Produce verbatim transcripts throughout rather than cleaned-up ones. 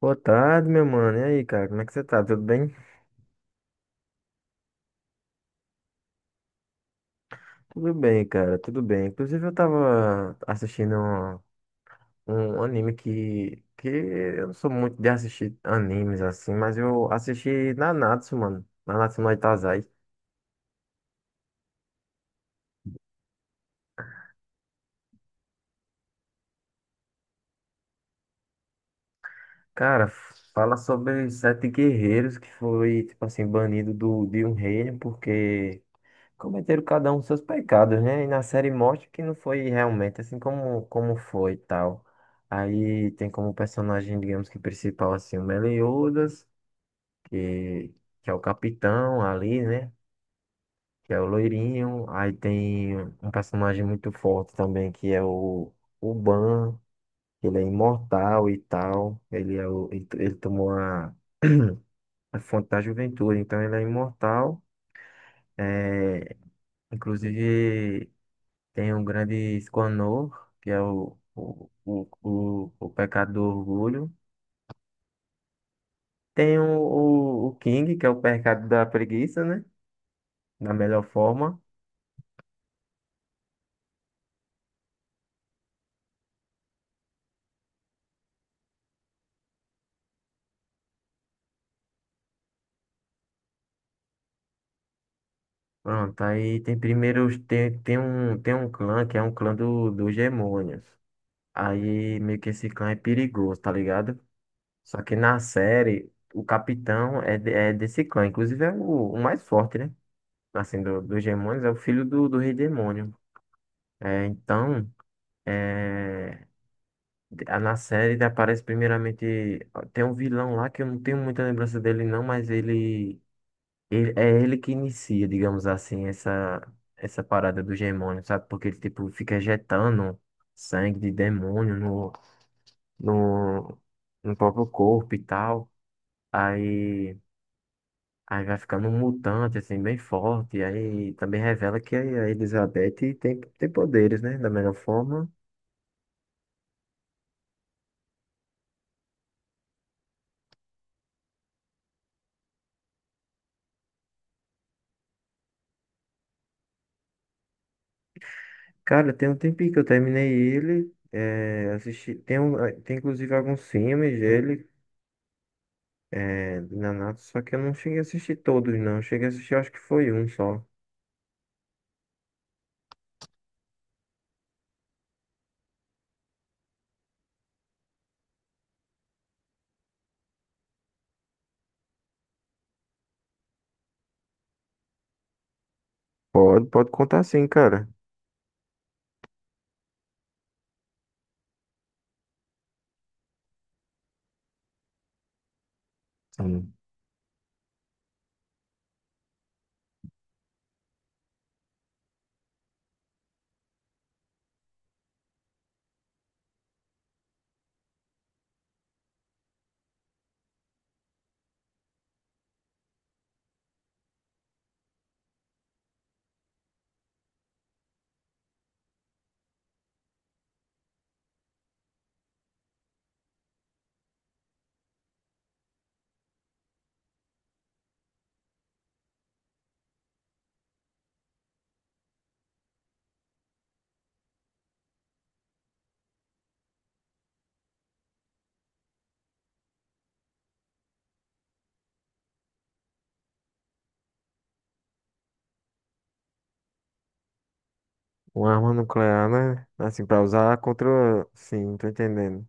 Boa tarde, meu mano. E aí, cara, como é que você tá? Tudo bem? Tudo bem, cara, tudo bem. Inclusive, eu tava assistindo um, um anime que, que eu não sou muito de assistir animes assim, mas eu assisti Nanatsu, mano. Nanatsu no Taizai. Cara, fala sobre sete guerreiros que foi, tipo assim, banido do, de um reino porque cometeram cada um seus pecados, né? E na série mostra que não foi realmente assim como, como foi e tal. Aí tem como personagem, digamos que principal, assim, o Meliodas, que, que é o capitão ali, né? Que é o loirinho. Aí tem um personagem muito forte também, que é o, o Ban, que ele é imortal e tal. Ele, é o, ele, ele tomou a, a fonte da juventude, então ele é imortal. É, inclusive. Tem o grande Esconor, que é o, o, o, o, o pecado do orgulho. Tem o, o, o King, que é o pecado da preguiça, né? Da melhor forma. Pronto, aí tem primeiro, os- tem, tem um, tem um clã, que é um clã do, dos demônios. Aí meio que esse clã é perigoso, tá ligado? Só que na série, o capitão é, de- é desse clã, inclusive é o, o mais forte, né? Assim, do, dos demônios, é o filho do, do rei demônio. É, então. É. Ah, na série ele aparece primeiramente. Tem um vilão lá que eu não tenho muita lembrança dele, não, mas ele, ele- é ele que inicia, digamos assim, essa, essa parada do demônio, sabe? Porque ele tipo, fica injetando sangue de demônio no, no, no próprio corpo e tal. Aí, aí vai ficando um mutante, assim, bem forte. Aí também revela que a Elizabeth tem, tem poderes, né? Da melhor forma. Cara, tem um tempinho que eu terminei ele. É, assisti, tem, um, eh, tem inclusive alguns filmes dele, é, de Nanatsu, só que eu não cheguei a assistir todos, não. Eu cheguei a assistir, acho que foi um só. Pode, pode contar sim, cara. Sim. Uma arma nuclear, né? Assim, pra usar contra. Sim, tô entendendo.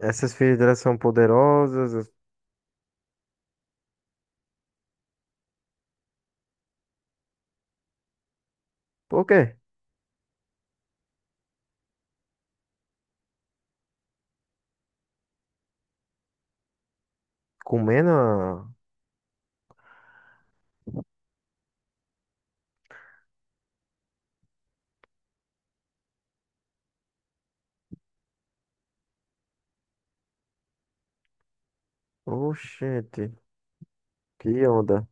Essas filhas delas são poderosas. as- O quê? Comendo? a- Oxente, que onda.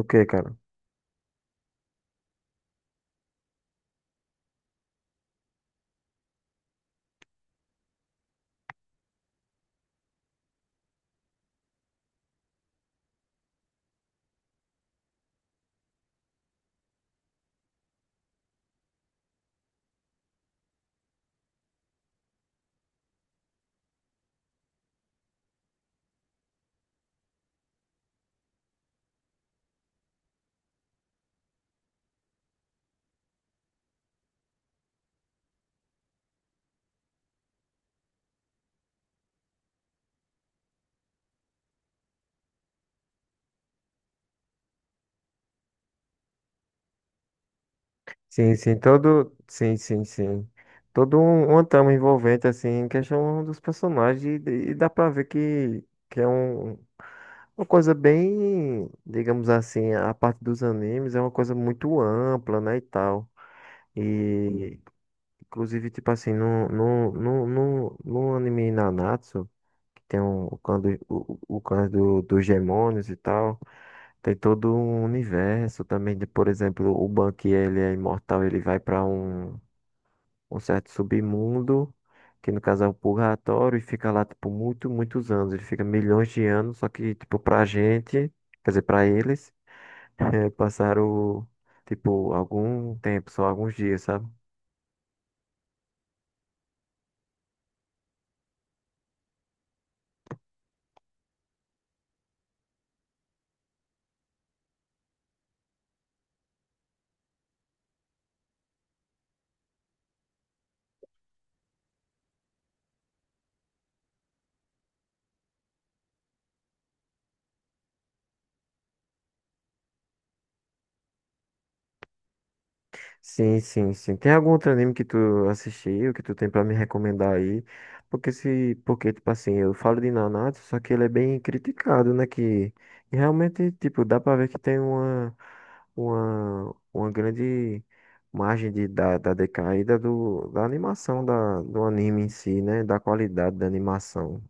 O quê, cara? Sim, sim, todo. Sim, sim, sim. Todo um, uma trama envolvente, assim, em questão dos personagens, e, e dá pra ver que, que é um, uma coisa bem, digamos assim, a parte dos animes é uma coisa muito ampla, né, e tal. E, inclusive, tipo assim, no, no, no, no, no anime Nanatsu, que tem um, o clã, do, o, o o clã do, dos demônios e tal, tem todo um universo também, de, por exemplo, o Bank, ele é imortal, ele vai pra um um certo submundo, que no caso é o purgatório, e fica lá, tipo, muito, muitos anos. Ele fica milhões de anos, só que, tipo, pra gente, quer dizer, pra eles, eh, passaram, tipo, algum tempo, só alguns dias, sabe? Sim, sim, sim. Tem algum outro anime que tu assistiu, que tu tem pra me recomendar aí? Porque se, porque tipo assim, eu falo de Nanatsu, só que ele é bem criticado, né? Que e realmente, tipo, dá pra ver que tem uma uma uma grande margem de, da, da decaída do, da animação da, do anime em si, né? Da qualidade da animação.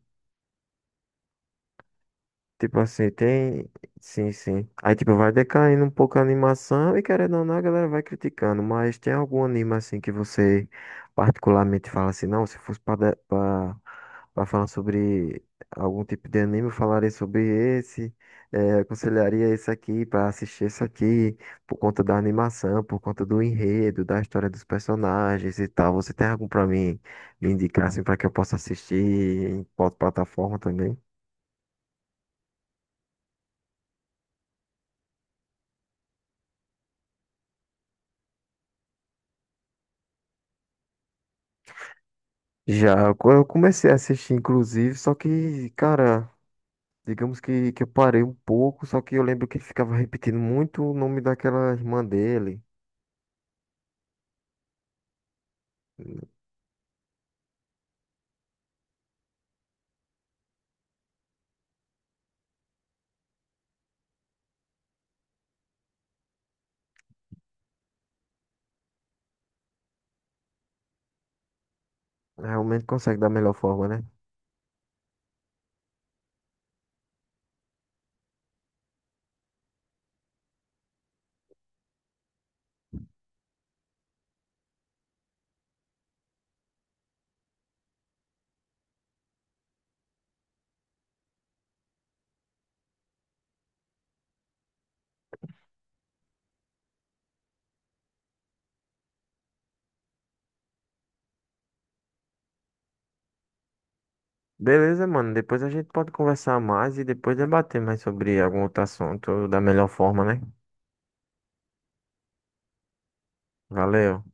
Tipo assim, tem. Sim, sim. Aí, tipo, vai decaindo um pouco a animação e querendo ou não, a galera vai criticando. Mas tem algum anime assim que você particularmente fala assim, não, se fosse pra, de- pra, pra falar sobre algum tipo de anime, eu falaria sobre esse, eh, aconselharia esse aqui pra assistir esse aqui, por conta da animação, por conta do enredo, da história dos personagens e tal. Você tem algum pra mim me indicar assim pra que eu possa assistir em qual plataforma também? Já, eu co- eu comecei a assistir, inclusive, só que, cara, digamos que, que eu parei um pouco, só que eu lembro que ele ficava repetindo muito o nome daquela irmã dele. Realmente consegue da melhor forma, né? Beleza, mano. Depois a gente pode conversar mais e depois debater mais sobre algum outro assunto da melhor forma, né? Valeu.